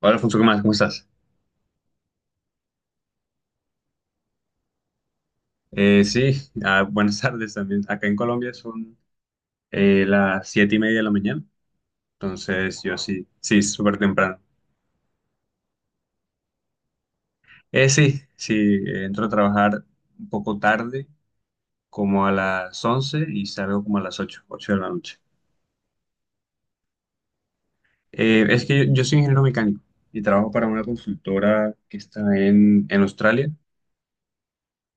Hola, Alfonso, ¿qué más? ¿Cómo estás? Eh, sí, buenas tardes también. Acá en Colombia son las siete y media de la mañana, entonces yo sí, sí, súper temprano. Sí, entro a trabajar un poco tarde, como a las once y salgo como a las ocho, ocho de la noche. Es que yo soy ingeniero mecánico y trabajo para una consultora que está en Australia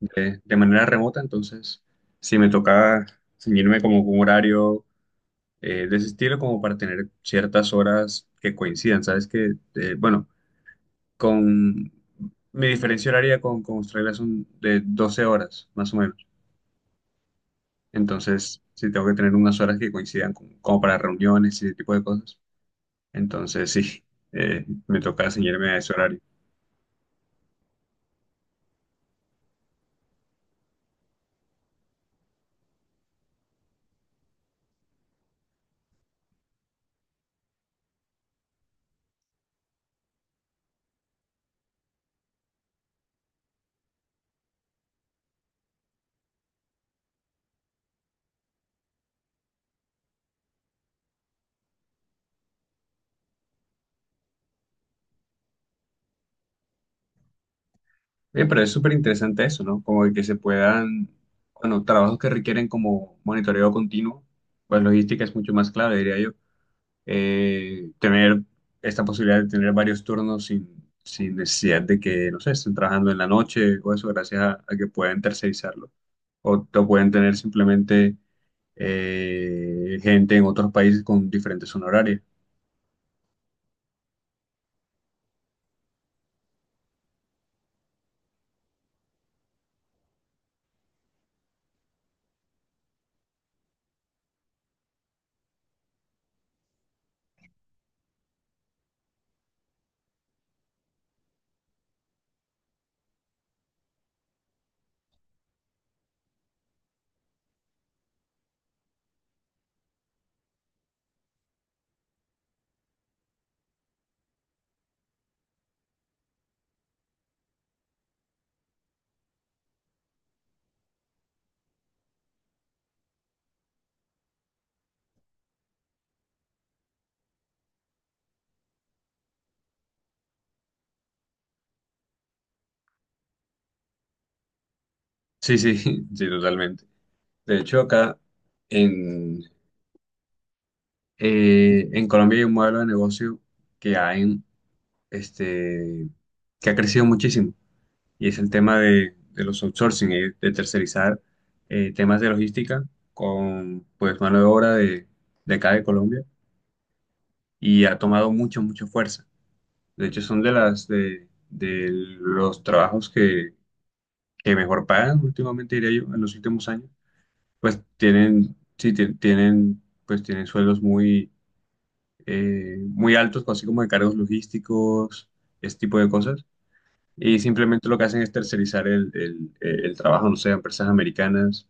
de manera remota, entonces sí me toca ceñirme como un horario de ese estilo como para tener ciertas horas que coincidan. Sabes que, con mi diferencia horaria con Australia son de 12 horas, más o menos. Entonces, sí tengo que tener unas horas que coincidan como para reuniones y ese tipo de cosas. Entonces, sí, me toca ceñirme a ese horario. Bien, pero es súper interesante eso, ¿no? Como de que se puedan, bueno, trabajos que requieren como monitoreo continuo, pues logística es mucho más clave, diría yo tener esta posibilidad de tener varios turnos sin necesidad de que, no sé, estén trabajando en la noche o eso, gracias a que pueden tercerizarlo. O lo pueden tener simplemente gente en otros países con diferentes zona horaria. Sí, sí, sí, totalmente. De hecho, acá en, en Colombia hay un modelo de negocio que ha, en- este, que ha crecido muchísimo. Y es el tema de los outsourcing, de tercerizar temas de logística con pues mano de obra de acá de Colombia y ha tomado mucha mucha fuerza. De hecho, son de de, los trabajos que mejor pagan últimamente, diría yo, en los últimos años. Pues tienen, sí, tienen, pues tienen sueldos muy, muy altos, así como de cargos logísticos, este tipo de cosas. Y simplemente lo que hacen es tercerizar el trabajo, no sé, a empresas americanas.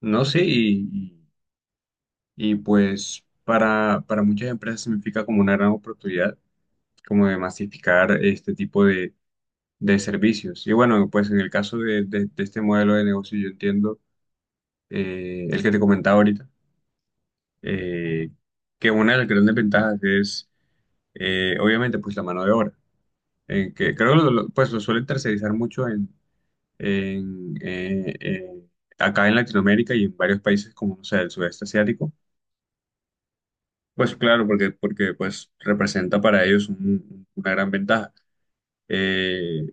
No sé, y, pues para muchas empresas significa como una gran oportunidad, como de masificar este tipo de servicios. Y bueno, pues en el caso de este modelo de negocio, yo entiendo el que te comentaba ahorita, eh, que una de las grandes ventajas es, obviamente, pues la mano de obra, en que creo que pues lo suelen tercerizar mucho en, eh, eh, acá en Latinoamérica y en varios países como, no sé, el sudeste asiático. Pues claro, porque pues representa para ellos una gran ventaja. Eh,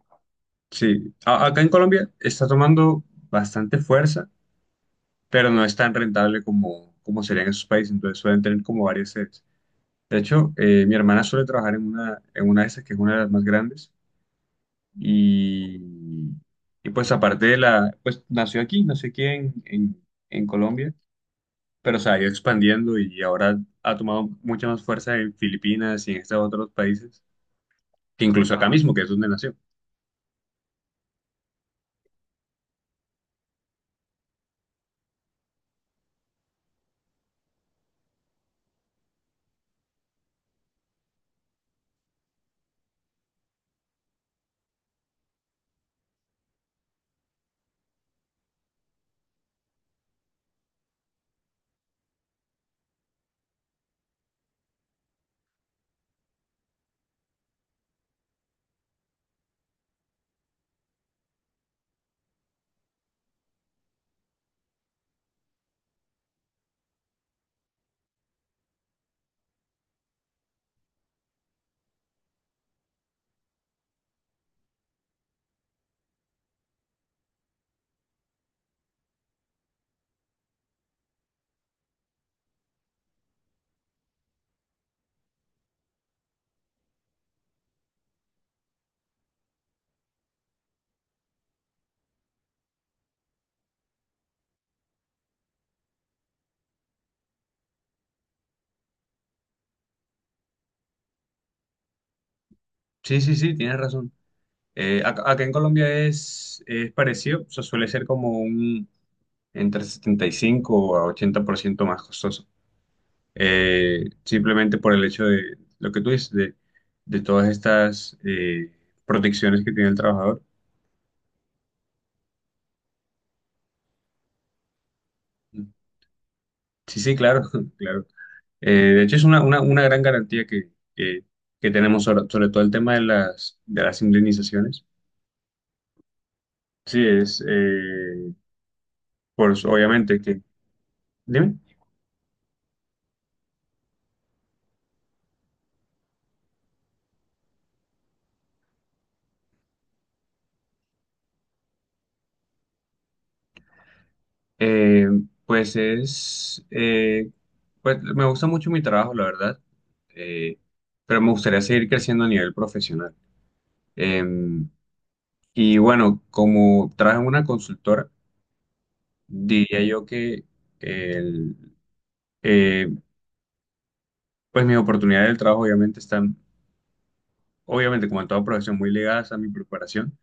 Acá en Colombia está tomando bastante fuerza, pero no es tan rentable como, como sería en esos países, entonces suelen tener como varias sedes. De hecho, mi hermana suele trabajar en una de esas, que es una de las más grandes, y, y pues aparte de la, pues nació aquí en Colombia, pero se ha ido expandiendo y ahora ha tomado mucha más fuerza en Filipinas y en estos otros países, que incluso acá mismo, que es donde nació. Sí, sí, sí, tienes razón. Acá, en Colombia es parecido, o sea, suele ser como un entre 75 a 80% más costoso. Simplemente por el hecho de lo que tú dices, de todas estas protecciones que tiene el trabajador. Sí, sí, claro, claro. De hecho, es una gran garantía que, que tenemos sobre, sobre todo el tema de las indemnizaciones. Sí, es, pues obviamente, que... Dime. Eh, pues es, eh, pues me gusta mucho mi trabajo, la verdad, eh, pero me gustaría seguir creciendo a nivel profesional. Eh, y bueno, como trabajo en una consultora, diría yo que el, eh, pues mis oportunidades del trabajo obviamente están, obviamente como en toda profesión, muy ligadas a mi preparación,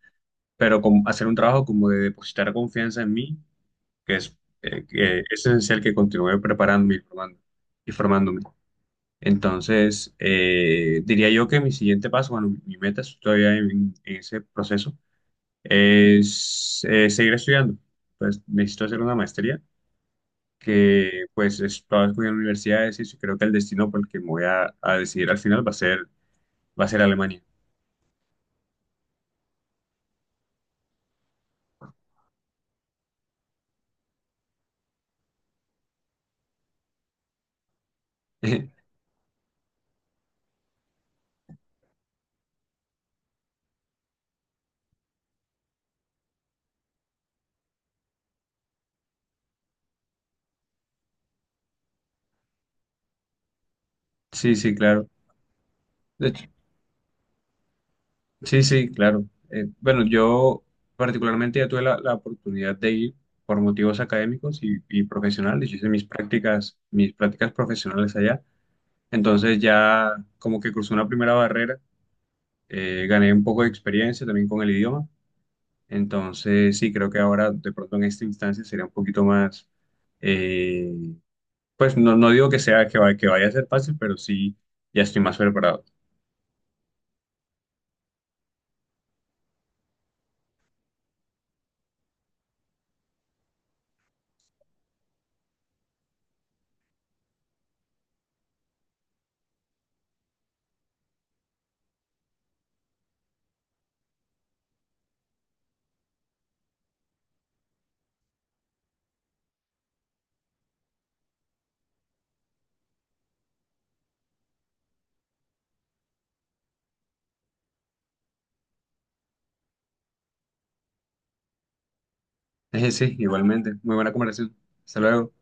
pero como hacer un trabajo como de depositar confianza en mí, que es esencial que continúe preparándome y y formándome. Entonces, diría yo que mi siguiente paso, bueno, mi meta, estoy todavía en ese proceso, es seguir estudiando. Pues necesito hacer una maestría que pues estaba estudiando en universidades y creo que el destino por el que me voy a decidir al final va a ser Alemania. Sí, sí, claro. De hecho, sí, sí, claro. Bueno, yo particularmente ya tuve la oportunidad de ir por motivos académicos y profesionales. Yo hice mis prácticas profesionales allá. Entonces ya como que crucé una primera barrera, gané un poco de experiencia también con el idioma. Entonces sí, creo que ahora de pronto en esta instancia sería un poquito más, eh, pues no, no digo que sea que, va- que vaya a ser fácil, pero sí, ya estoy más preparado. Sí, igualmente. Muy buena conversación. Hasta luego.